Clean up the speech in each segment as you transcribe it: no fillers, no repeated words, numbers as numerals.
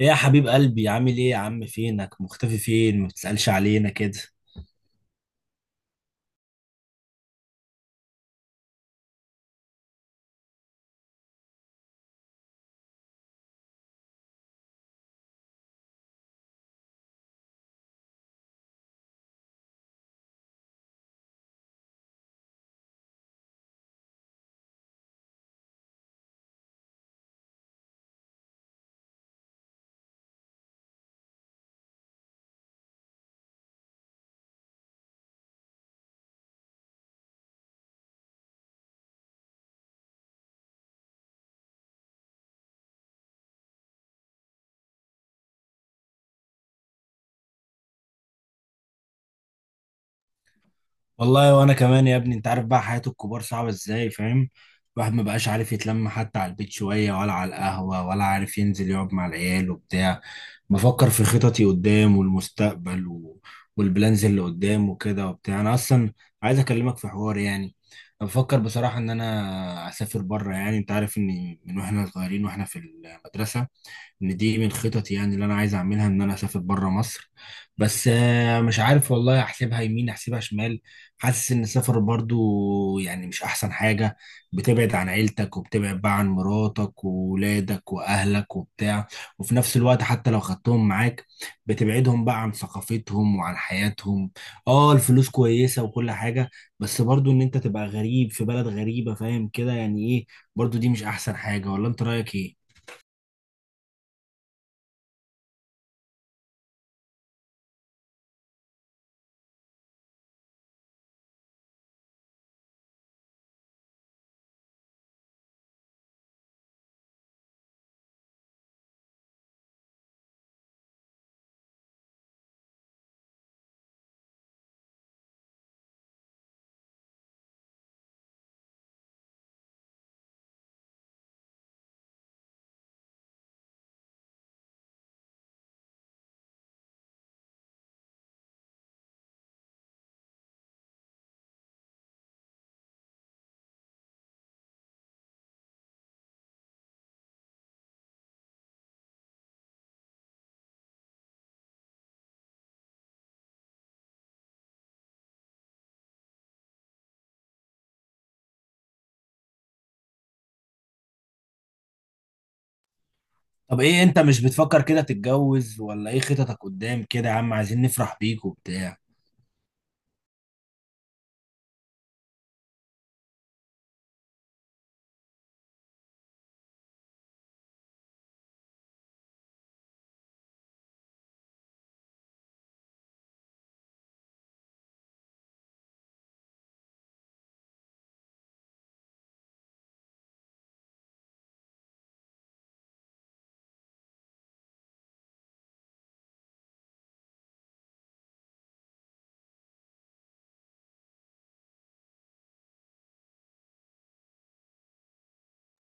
ايه يا حبيب قلبي، عامل ايه يا عم؟ فينك مختفي؟ فين ما بتسألش علينا كده؟ والله وانا كمان يا ابني، انت عارف بقى حياة الكبار صعبة ازاي، فاهم؟ الواحد ما بقاش عارف يتلم حتى على البيت شوية، ولا على القهوة، ولا عارف ينزل يقعد مع العيال وبتاع. بفكر في خططي قدام والمستقبل والبلانز اللي قدام وكده وبتاع. انا اصلا عايز اكلمك في حوار، يعني أنا بفكر بصراحة ان انا اسافر بره. يعني انت عارف ان من واحنا صغيرين واحنا في المدرسة، ان دي من خططي، يعني اللي انا عايز اعملها ان انا اسافر بره مصر. بس مش عارف والله، احسبها يمين احسبها شمال. حاسس ان السفر برضو يعني مش احسن حاجة. بتبعد عن عيلتك، وبتبعد بقى عن مراتك وولادك واهلك وبتاع. وفي نفس الوقت حتى لو خدتهم معاك، بتبعدهم بقى عن ثقافتهم وعن حياتهم. اه، الفلوس كويسة وكل حاجة، بس برضو ان انت تبقى غريب في بلد غريبة، فاهم كده يعني ايه؟ برضو دي مش احسن حاجة، ولا انت رأيك ايه؟ طب ايه، انت مش بتفكر كده تتجوز؟ ولا ايه خططك قدام كده يا عم؟ عايزين نفرح بيك وبتاع.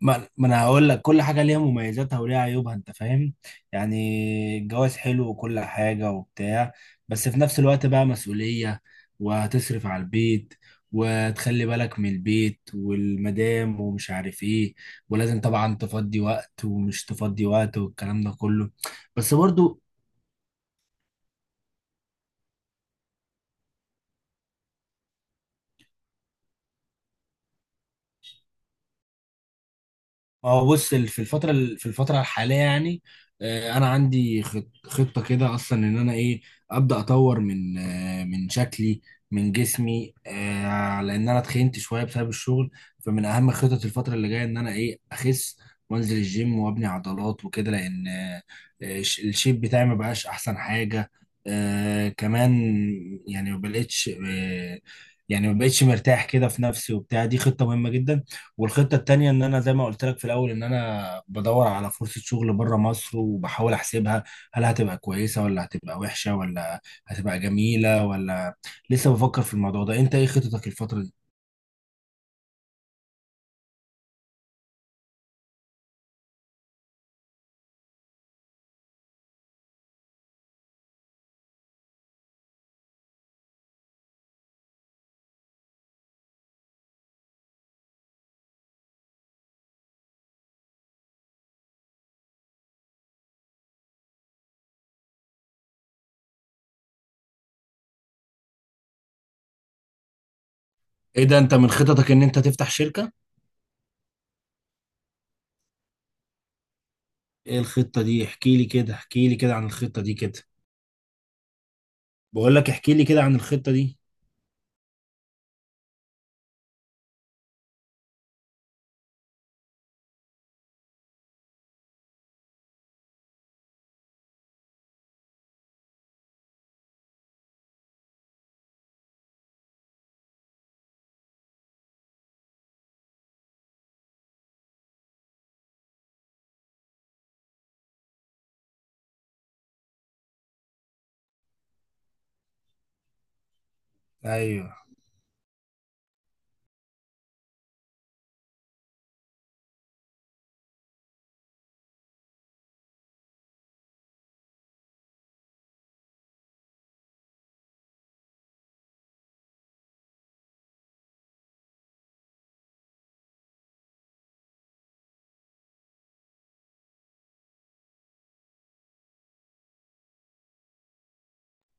ما انا هقول لك، كل حاجه ليها مميزاتها وليها عيوبها، انت فاهم؟ يعني الجواز حلو وكل حاجه وبتاع، بس في نفس الوقت بقى مسؤوليه، وهتصرف على البيت، وتخلي بالك من البيت والمدام، ومش عارف ايه، ولازم طبعا تفضي وقت ومش تفضي وقت، والكلام ده كله. بس برضو. ما هو بص، في الفترة في الفترة الحالية يعني. أنا عندي خطة كده أصلا إن أنا إيه، أبدأ أطور من من شكلي، من جسمي. لأن أنا اتخنت شوية بسبب الشغل، فمن أهم خطط الفترة اللي جاية إن أنا إيه أخس، وأنزل الجيم وأبني عضلات وكده. لأن الشيب بتاعي ما بقاش أحسن حاجة. كمان، يعني ما بقتش آه، يعني ما بقتش مرتاح كده في نفسي وبتاع. دي خطة مهمة جدا. والخطة التانية ان انا زي ما قلت لك في الاول، ان انا بدور على فرصة شغل بره مصر، وبحاول احسبها، هل هتبقى كويسة، ولا هتبقى وحشة، ولا هتبقى جميلة، ولا لسه بفكر في الموضوع ده. انت ايه خطتك الفترة دي؟ ايه ده، انت من خططك ان انت تفتح شركة؟ ايه الخطة دي؟ احكي لي كده، احكي لي كده عن الخطة دي كده. بقول لك احكي لي كده عن الخطة دي. ايوه.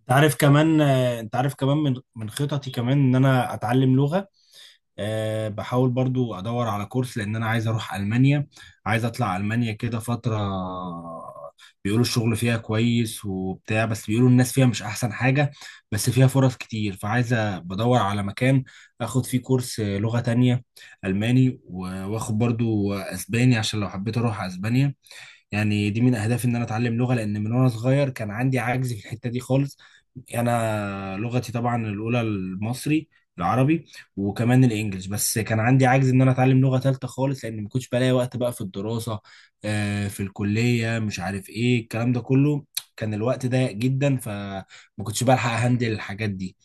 انت عارف كمان، انت عارف كمان من من خططي كمان ان انا اتعلم لغة. أه، بحاول برضو ادور على كورس، لان انا عايز اروح المانيا. عايز اطلع المانيا كده فتره. بيقولوا الشغل فيها كويس وبتاع، بس بيقولوا الناس فيها مش احسن حاجه. بس فيها فرص كتير، فعايز بدور على مكان اخد فيه كورس لغه تانية، الماني، و- واخد برضو اسباني عشان لو حبيت اروح اسبانيا. يعني دي من اهدافي ان انا اتعلم لغه، لان من وانا صغير كان عندي عجز في الحته دي خالص. انا لغتي طبعا الاولى المصري، العربي، وكمان الانجليش. بس كان عندي عجز ان انا اتعلم لغه ثالثه خالص، لان ما كنتش بلاقي وقت بقى في الدراسه، في الكليه، مش عارف ايه الكلام ده كله. كان الوقت ضيق جدا، فما كنتش بلحق اهندل الحاجات دي.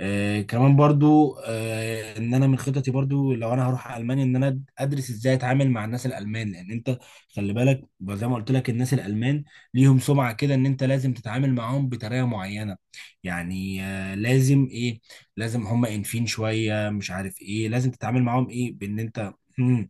كمان برضو ان انا من خططي برضو، لو انا هروح المانيا، ان انا ادرس ازاي اتعامل مع الناس الالمان. لان انت خلي بالك، زي ما قلت لك، الناس الالمان ليهم سمعه كده ان انت لازم تتعامل معاهم بطريقه معينه. يعني آه لازم ايه، لازم هم انفين شويه، مش عارف ايه، لازم تتعامل معاهم ايه بان انت.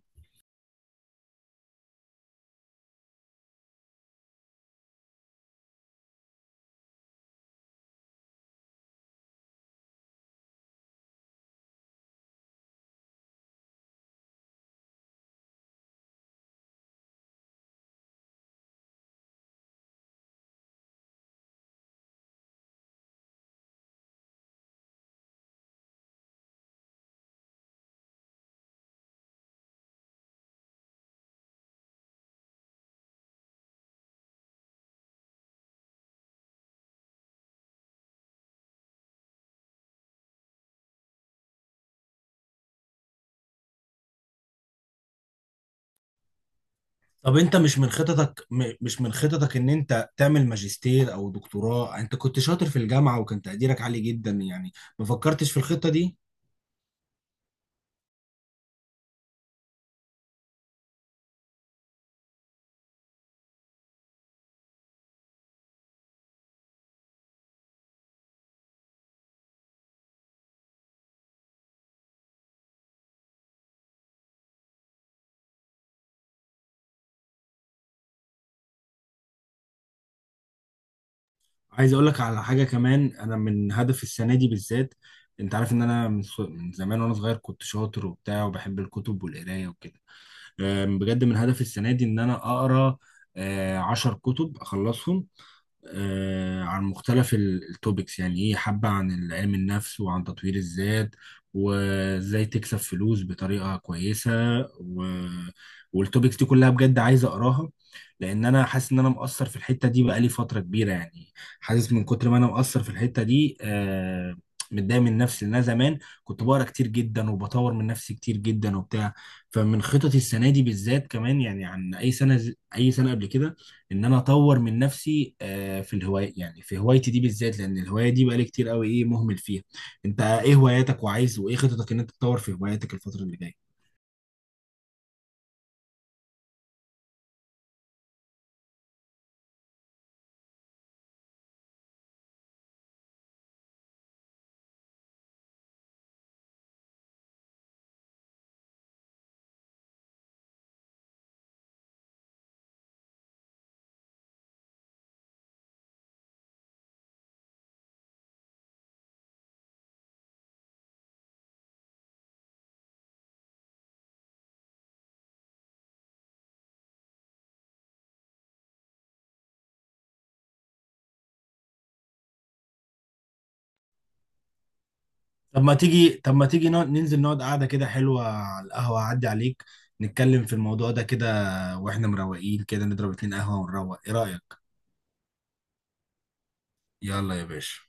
طب انت مش من خططك، ان انت تعمل ماجستير او دكتوراه؟ انت كنت شاطر في الجامعه وكان تقديرك عالي جدا يعني. ما فكرتش في الخطه دي؟ عايز اقول لك على حاجه كمان. انا من هدف السنه دي بالذات، انت عارف ان انا من من زمان وانا صغير كنت شاطر وبتاع وبحب الكتب والقرايه وكده. بجد من هدف السنه دي ان انا اقرا 10 كتب اخلصهم، عن مختلف التوبكس، يعني ايه، حبة عن علم النفس وعن تطوير الذات، وازاي تكسب فلوس بطريقة كويسة، و... والتوبكس دي كلها، بجد عايز اقراها. لان انا حاسس ان انا مقصر في الحتة دي بقالي فترة كبيرة يعني. حاسس من كتر ما انا مقصر في الحتة دي، متضايق من نفسي. لان انا زمان كنت بقرا كتير جدا وبطور من نفسي كتير جدا وبتاع. فمن خططي السنة دي بالذات، كمان يعني، عن اي سنة، اي سنة قبل كده، ان انا اطور من نفسي في الهوايه، يعني في هوايتي دي بالذات، لان الهوايه دي بقالي كتير قوي ايه مهمل فيها. انت ايه هواياتك، وعايز وايه خططك ان انت تطور في هواياتك الفتره اللي جايه؟ طب ما تيجي، طب ما تيجي ننزل نقعد قعده كده حلوه على القهوه، اعدي عليك، نتكلم في الموضوع ده كده. واحنا مروقين كده نضرب اتنين قهوه ونروق. ايه رايك؟ يلا يا باشا.